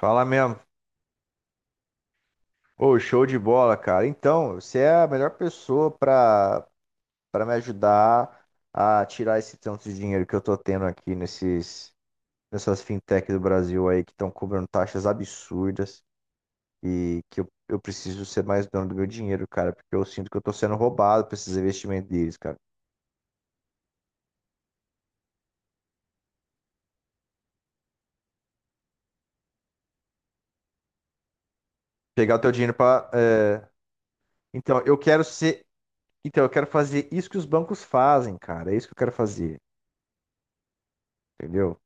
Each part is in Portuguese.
Fala mesmo. Ô, show de bola, cara. Então, você é a melhor pessoa pra para me ajudar a tirar esse tanto de dinheiro que eu tô tendo aqui nesses nessas fintech do Brasil aí que estão cobrando taxas absurdas e que eu preciso ser mais dono do meu dinheiro, cara, porque eu sinto que eu tô sendo roubado por esses investimentos deles, cara. Pegar o teu dinheiro pra. É. Então, eu quero ser. Então, eu quero fazer isso que os bancos fazem, cara. É isso que eu quero fazer, entendeu?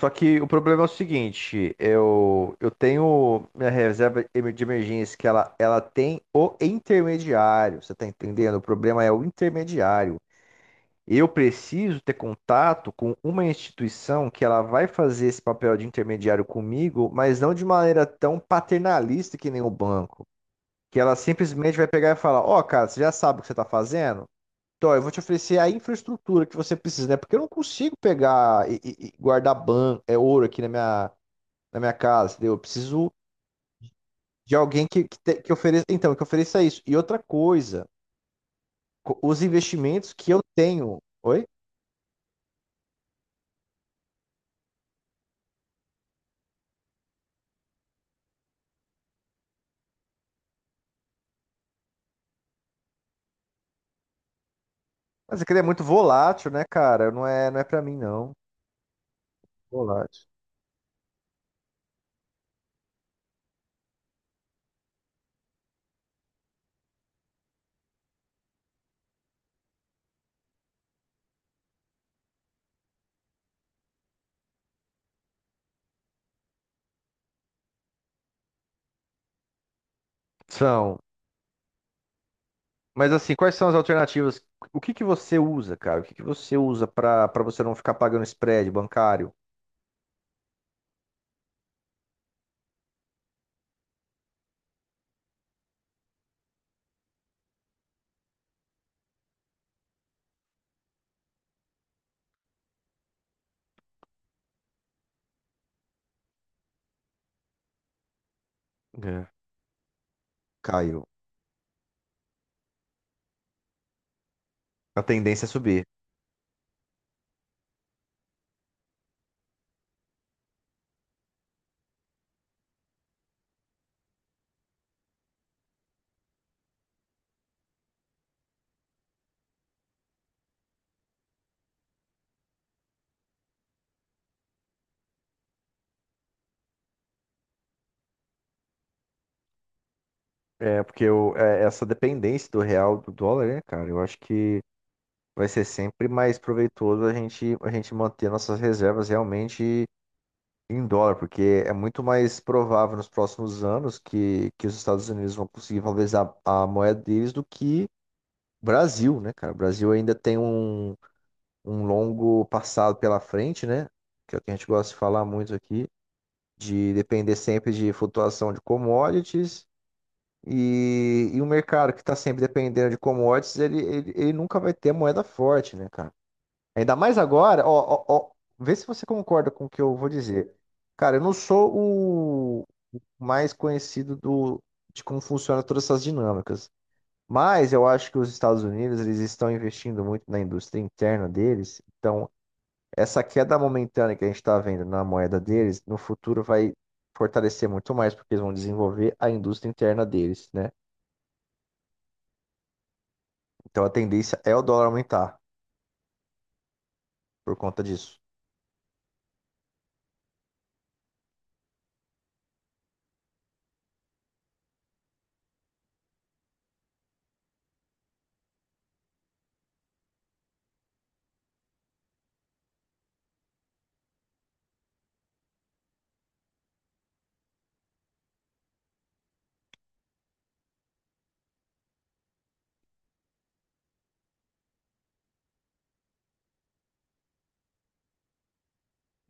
Só que o problema é o seguinte, eu tenho minha reserva de emergência que ela tem o intermediário, você tá entendendo? O problema é o intermediário. Eu preciso ter contato com uma instituição que ela vai fazer esse papel de intermediário comigo, mas não de maneira tão paternalista que nem o banco, que ela simplesmente vai pegar e falar, ó, cara, você já sabe o que você está fazendo? Então, eu vou te oferecer a infraestrutura que você precisa, né? Porque eu não consigo pegar e, e guardar ouro aqui na minha casa, entendeu? Eu preciso de alguém que ofereça, então, que ofereça isso. E outra coisa, os investimentos que eu tenho. Oi? Mas aquele é muito volátil, né, cara? Não é, não é para mim, não. Volátil. São. Mas assim, quais são as alternativas? O que que você usa, cara? O que que você usa para você não ficar pagando spread bancário? É. Caiu. A tendência é subir. É, porque essa dependência do real do dólar, né, cara? Eu acho que vai ser sempre mais proveitoso a gente manter nossas reservas realmente em dólar, porque é muito mais provável nos próximos anos que os Estados Unidos vão conseguir valorizar a moeda deles do que o Brasil, né, cara? O Brasil ainda tem um longo passado pela frente, né? Que é o que a gente gosta de falar muito aqui, de depender sempre de flutuação de commodities. E o mercado que está sempre dependendo de commodities, ele nunca vai ter moeda forte, né, cara? Ainda mais agora, ó, ó, ó, vê se você concorda com o que eu vou dizer. Cara, eu não sou o mais conhecido de como funciona todas essas dinâmicas, mas eu acho que os Estados Unidos eles estão investindo muito na indústria interna deles, então essa queda momentânea que a gente está vendo na moeda deles, no futuro vai fortalecer muito mais, porque eles vão desenvolver a indústria interna deles, né? Então a tendência é o dólar aumentar por conta disso.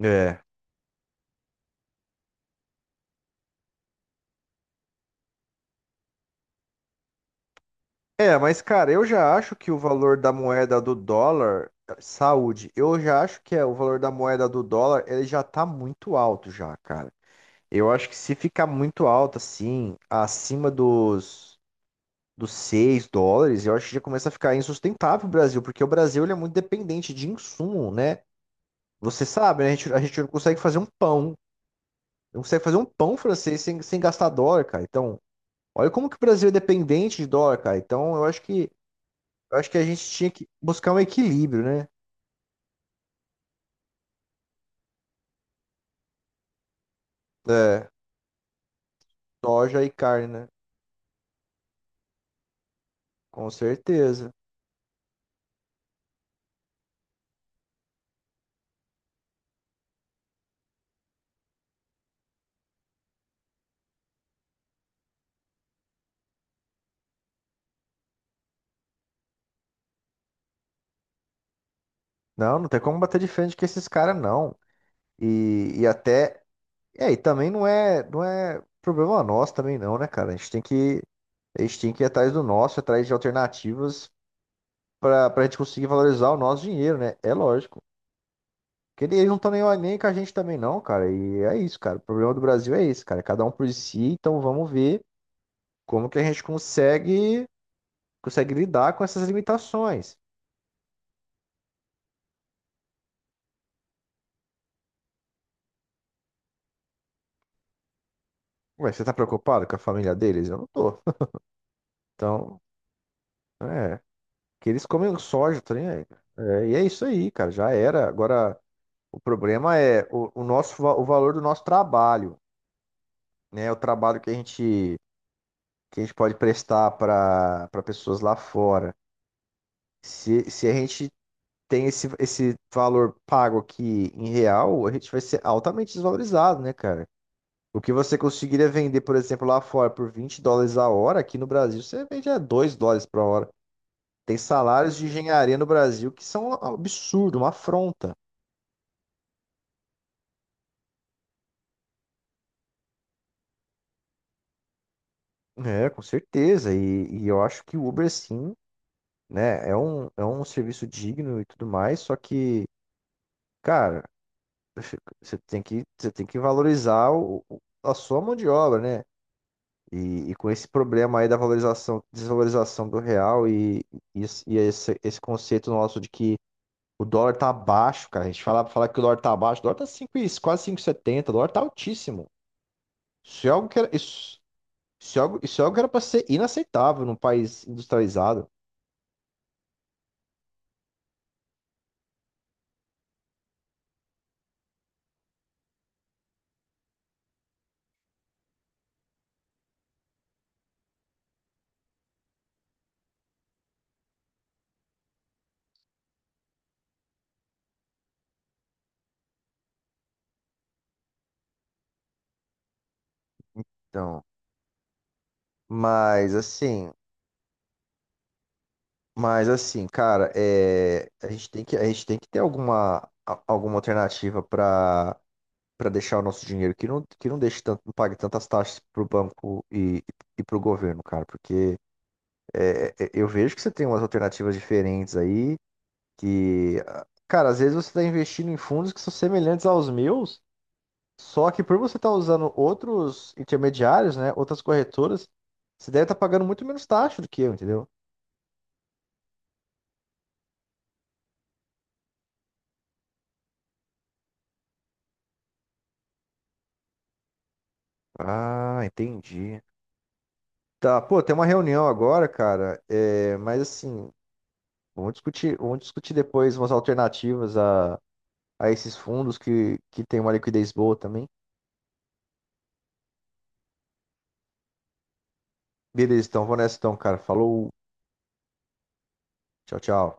É. É, mas cara, eu já acho que o valor da moeda do dólar, saúde, eu já acho que é o valor da moeda do dólar, ele já tá muito alto já, cara. Eu acho que se ficar muito alto assim, acima dos US$ 6, eu acho que já começa a ficar insustentável o Brasil, porque o Brasil ele é muito dependente de insumo, né? Você sabe, né? A gente não consegue fazer um pão, não consegue fazer um pão francês sem gastar dólar, cara. Então, olha como que o Brasil é dependente de dólar, cara. Então, eu acho que a gente tinha que buscar um equilíbrio, né? É, soja e carne, né? Com certeza. Não, não tem como bater de frente com esses caras, não. E até. É, e também não é, não é problema nosso também, não, né, cara? A gente tem que ir atrás do nosso, atrás de alternativas pra gente conseguir valorizar o nosso dinheiro, né? É lógico. Porque eles não estão nem com a gente também, não, cara. E é isso, cara. O problema do Brasil é esse, cara. Cada um por si, então vamos ver como que a gente consegue lidar com essas limitações. Ué, você tá preocupado com a família deles? Eu não tô. Então, é. Que eles comem soja, tá nem aí, cara. É, e é isso aí, cara. Já era. Agora, o problema é o nosso, o valor do nosso trabalho, né? O trabalho que a gente pode prestar para pessoas lá fora. Se a gente tem esse valor pago aqui em real, a gente vai ser altamente desvalorizado, né, cara? O que você conseguiria vender, por exemplo, lá fora por US$ 20 a hora, aqui no Brasil você vende a US$ 2 por hora. Tem salários de engenharia no Brasil que são um absurdo, uma afronta. É, com certeza. E eu acho que o Uber, sim, né, é um serviço digno e tudo mais, só que, cara, você tem que valorizar a sua mão de obra, né? E com esse problema aí da valorização, desvalorização do real e esse conceito nosso de que o dólar tá baixo, cara. A gente fala que o dólar tá baixo. O dólar tá quase 5,70. O dólar tá altíssimo. Isso é algo que era, isso, isso é algo que era pra ser inaceitável num país industrializado. Então, mas assim, mas assim, cara, a gente tem que ter alguma, alguma alternativa pra para deixar o nosso dinheiro que não deixe tanto, não pague tantas taxas pro banco e pro governo, cara. Porque eu vejo que você tem umas alternativas diferentes aí. Que, cara, às vezes você está investindo em fundos que são semelhantes aos meus, só que por você estar usando outros intermediários, né, outras corretoras, você deve estar pagando muito menos taxa do que eu, entendeu? Ah, entendi. Tá, pô, tem uma reunião agora, cara, mas assim, vamos discutir depois umas alternativas a esses fundos que tem uma liquidez boa também. Beleza, então, vou nessa então, cara. Falou, tchau, tchau.